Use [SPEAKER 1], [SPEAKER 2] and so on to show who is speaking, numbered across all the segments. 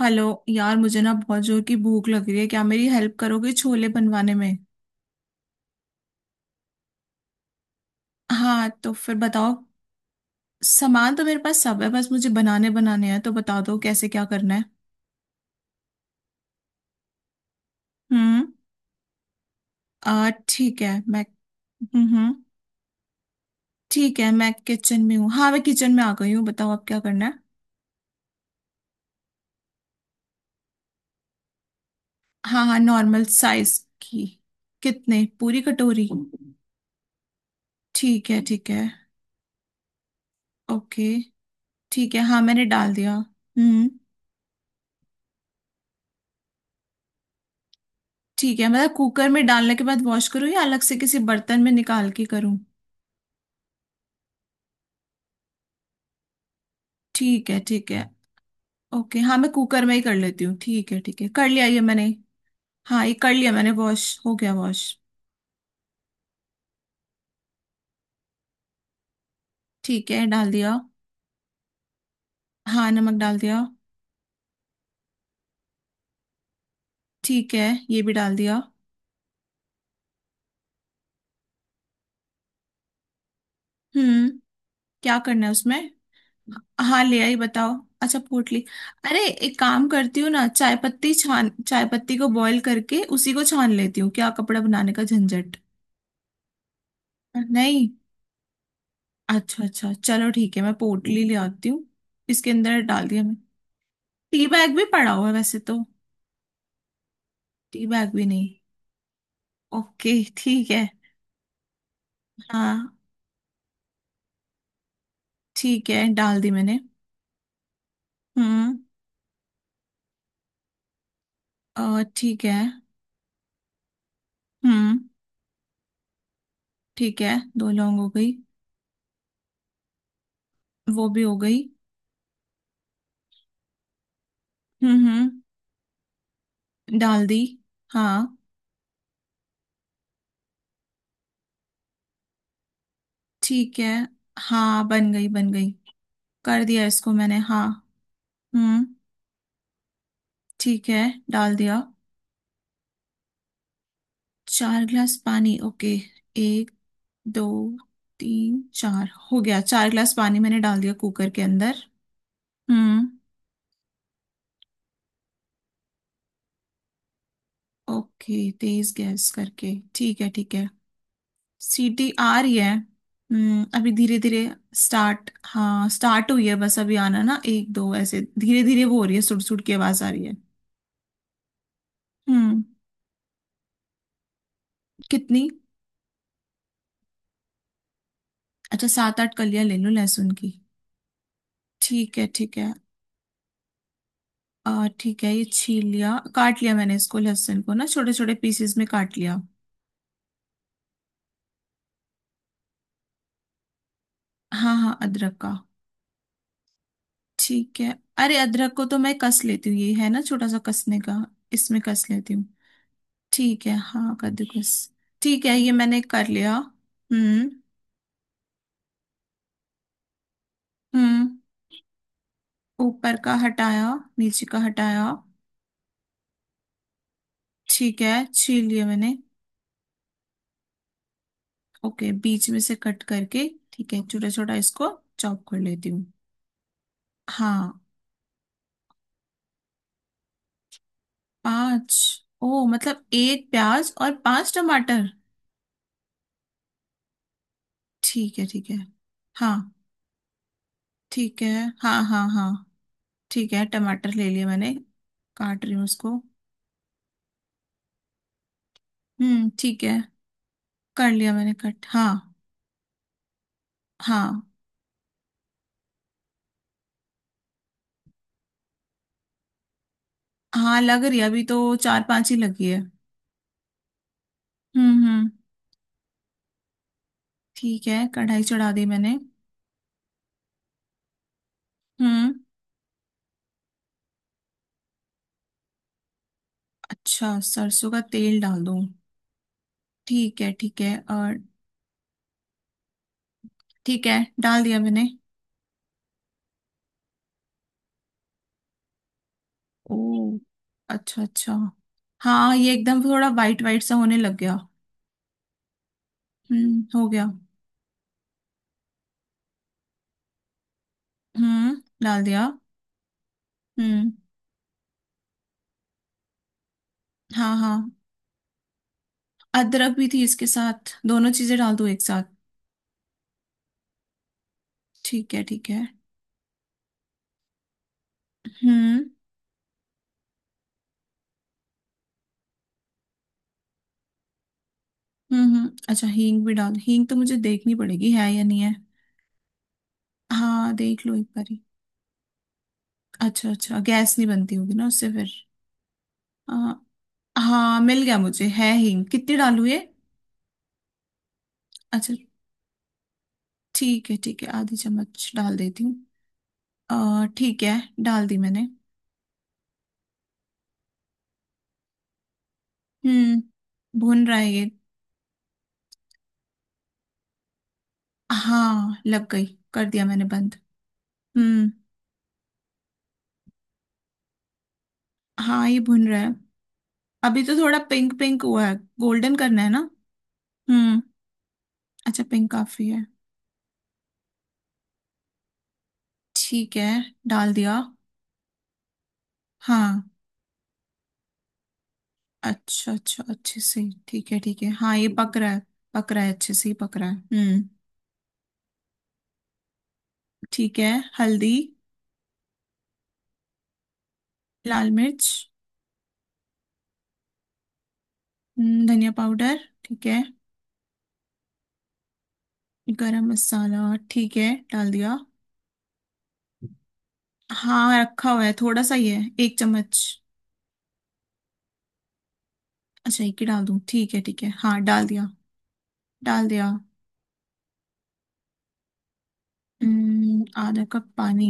[SPEAKER 1] Hello यार, मुझे ना बहुत जोर की भूख लग रही है। क्या मेरी हेल्प करोगे छोले बनवाने में? हाँ तो फिर बताओ। सामान तो मेरे पास सब है, बस मुझे बनाने बनाने हैं तो बता दो कैसे क्या करना है। हम्म। आ ठीक है मैं। हम्म हम्म, ठीक है मैं किचन में हूँ। हाँ, मैं किचन में आ गई हूँ, बताओ अब क्या करना है। हाँ हाँ, नॉर्मल साइज की। कितने? पूरी कटोरी? ठीक है ठीक है। ओके। ठीक है, हाँ मैंने डाल दिया। हम्म। ठीक है, मतलब कुकर में डालने के बाद वॉश करूँ या अलग से किसी बर्तन में निकाल के करूँ? ठीक है ठीक है। ओके, हाँ मैं कुकर में ही कर लेती हूँ। ठीक है ठीक है, कर लिया ये मैंने। हाँ ये कर लिया मैंने, वॉश हो गया वॉश। ठीक है, डाल दिया। हाँ, नमक डाल दिया। ठीक है, ये भी डाल दिया। हम्म। क्या करना है उसमें? हाँ ले आई, बताओ। अच्छा, पोटली। अरे एक काम करती हूँ ना, चाय पत्ती छान, चाय पत्ती को बॉईल करके उसी को छान लेती हूँ, क्या कपड़ा बनाने का झंझट। नहीं। अच्छा अच्छा, चलो ठीक है मैं पोटली ले आती हूँ। इसके अंदर डाल दिया मैं। टी बैग भी पड़ा हुआ है वैसे तो। टी बैग भी नहीं? ओके, ठीक है। हाँ। ठीक है, डाल दी मैंने। हम्म। ठीक है। हम्म। ठीक है। दो लौंग हो गई। वो भी हो गई। हम्म। डाल दी। हाँ। ठीक है। हाँ बन गई बन गई। कर दिया इसको मैंने, हाँ। हम्म। ठीक है, डाल दिया। चार गिलास पानी, ओके। एक, दो, तीन, चार, हो गया, 4 गिलास पानी मैंने डाल दिया कुकर के अंदर। हम्म। ओके। तेज गैस करके, ठीक है ठीक है। सीटी आ रही है। हम्म, अभी धीरे धीरे स्टार्ट, हाँ स्टार्ट हुई है, बस अभी आना ना 1-2 ऐसे धीरे धीरे। वो हो रही है, सुड़ सुड़ की आवाज आ रही है। हम्म। कितनी? अच्छा, 7-8 कलियां ले लो लहसुन की। ठीक है ठीक है। आ ठीक है, ये छील लिया काट लिया मैंने, इसको लहसुन को ना छोटे छोटे पीसेस में काट लिया। हाँ हाँ, अदरक का। ठीक है। अरे अदरक को तो मैं कस लेती हूँ, ये है ना छोटा सा कसने का, इसमें कस लेती हूँ। ठीक है, हाँ कद्दूकस। ठीक है, ये मैंने कर लिया। हम्म। हम्म। ऊपर का हटाया। नीचे का हटाया। ठीक है, छील लिया मैंने। ओके, बीच में से कट करके ठीक है, छोटा छोटा इसको चॉप कर लेती हूँ। हाँ। पांच? ओ मतलब 1 प्याज और 5 टमाटर। ठीक है ठीक है। हाँ। ठीक है। हाँ हाँ हाँ, ठीक है टमाटर ले लिया मैंने, काट रही हूँ उसको। हम्म, ठीक है, कर लिया मैंने कट, हाँ। हाँ, हाँ लग रही है, अभी तो 4-5 ही लगी है। हम्म। ठीक है, कढ़ाई चढ़ा दी मैंने। हम्म। अच्छा, सरसों का तेल डाल दूँ? ठीक है ठीक है, और? ठीक है, डाल दिया मैंने। ओ, अच्छा अच्छा। हाँ, ये एकदम थोड़ा वाइट वाइट सा होने लग गया। हम्म, हो गया। हम्म, डाल दिया। हम्म। हाँ हाँ, अदरक भी थी इसके साथ, दोनों चीजें डाल दूं एक साथ? ठीक है ठीक है। हम्म। हम्म, अच्छा हींग भी डाल, हींग तो मुझे देखनी पड़ेगी है या नहीं है। हाँ, देख लो एक बारी। अच्छा अच्छा, गैस नहीं बनती होगी ना उससे फिर। हाँ, हाँ मिल गया मुझे, है हींग, कितनी डालूं ये? अच्छा, ठीक है ½ चम्मच डाल देती हूँ। ठीक है। डाल दी मैंने। हम्म, भुन रहा है ये। हाँ लग गई, कर दिया मैंने बंद। हम्म। हाँ ये भुन रहा है, अभी तो थोड़ा पिंक पिंक हुआ है। गोल्डन करना है ना? हम्म। अच्छा, पिंक काफी है। ठीक है, डाल दिया। हाँ। अच्छा अच्छा, अच्छे से। ठीक है ठीक है, हाँ ये पक रहा है। पक रहा है, अच्छे से ही पक रहा है। हम्म। ठीक है। हल्दी। लाल मिर्च। धनिया पाउडर। ठीक है। गरम मसाला। ठीक है, डाल दिया। हाँ रखा हुआ है, थोड़ा सा ही है, 1 चम्मच। अच्छा, एक ही डाल दूं, ठीक है ठीक है, हाँ डाल दिया। डाल दिया। ½ कप पानी।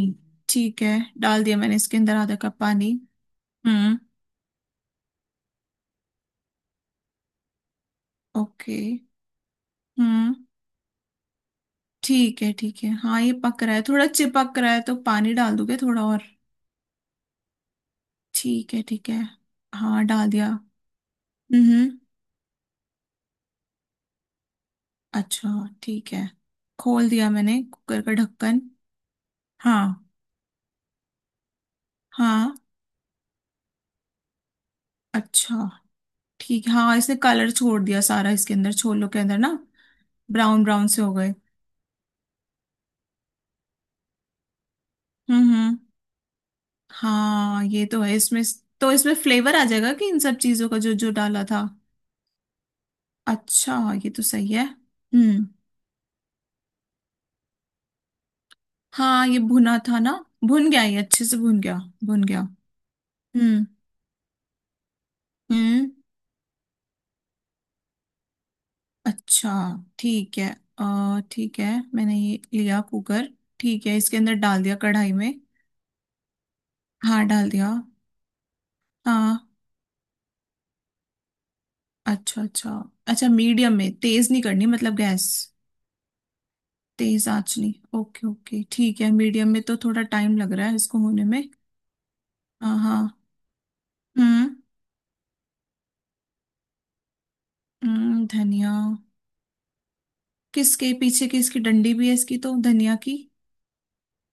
[SPEAKER 1] ठीक है। डाल दिया मैंने इसके अंदर ½ कप पानी। हम्म। ओके। हम्म। ठीक है ठीक है, हाँ ये पक रहा है, थोड़ा चिपक रहा है तो पानी डाल दोगे थोड़ा और? ठीक है ठीक है, हाँ डाल दिया। हम्म। अच्छा, ठीक है। खोल दिया मैंने कुकर का ढक्कन। हाँ। हाँ। अच्छा। ठीक है, हाँ इसने कलर छोड़ दिया सारा, इसके अंदर छोलों के अंदर ना। ब्राउन ब्राउन से हो गए। हम्म। हाँ, ये तो है इसमें। तो इसमें फ्लेवर आ जाएगा कि इन सब चीजों का जो जो डाला था। अच्छा, ये तो सही है। हम्म। हाँ ये भुना था ना? भुन गया, ये अच्छे से भुन गया। भुन गया। हम्म। हम्म। अच्छा। ठीक है। आ ठीक है, मैंने ये लिया कुकर। ठीक है, इसके अंदर डाल दिया कढ़ाई में। हाँ डाल दिया। हाँ। अच्छा अच्छा। अच्छा, मीडियम में तेज नहीं करनी मतलब गैस? तेज आंच नहीं, ओके ओके, ठीक है। मीडियम में तो थोड़ा टाइम लग रहा है इसको होने में। हाँ। हम्म। हम्म, धनिया। किसके पीछे की इसकी डंडी भी है, इसकी तो धनिया की।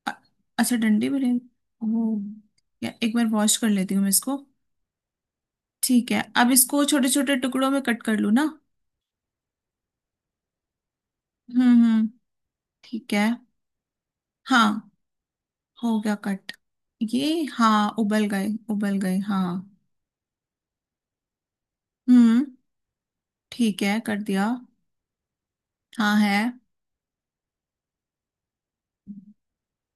[SPEAKER 1] अ- अच्छा, डंडी भी रहेगी। ओह, या एक बार वॉश कर लेती हूँ मैं इसको। ठीक है, अब इसको छोटे छोटे टुकड़ों में कट कर लूँ ना? हम्म। ठीक है। हाँ हो गया कट, ये, हाँ उबल गए। उबल गए, हाँ। हम्म, ठीक है कर दिया। हाँ है।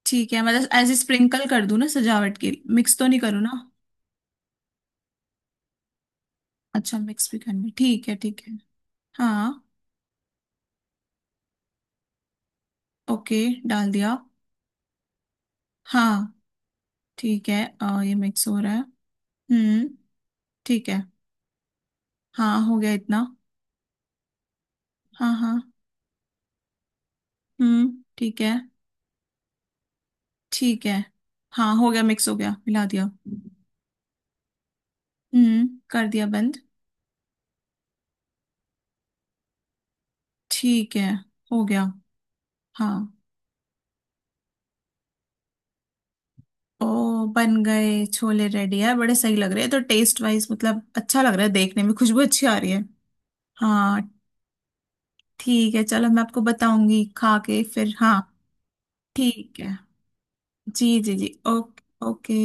[SPEAKER 1] ठीक है, मतलब ऐसे स्प्रिंकल कर दूँ ना सजावट के, मिक्स तो नहीं करूँ ना? अच्छा, मिक्स भी करना, ठीक है ठीक है। हाँ। ओके, डाल दिया। हाँ, ठीक है। ये मिक्स हो रहा है। हम्म। ठीक है। हाँ हो गया इतना। हाँ हाँ। हम्म, ठीक है ठीक है। हाँ हो गया, मिक्स हो गया, मिला दिया। हम्म, कर दिया बंद। ठीक है, हो गया। हाँ। ओ, बन गए छोले, रेडी है, बड़े सही लग रहे हैं, तो टेस्ट वाइज मतलब अच्छा लग रहा है, देखने में खुशबू अच्छी आ रही है। हाँ, ठीक है चलो, मैं आपको बताऊंगी खा के फिर, हाँ। ठीक है, जी जी जी, ओके। ओके।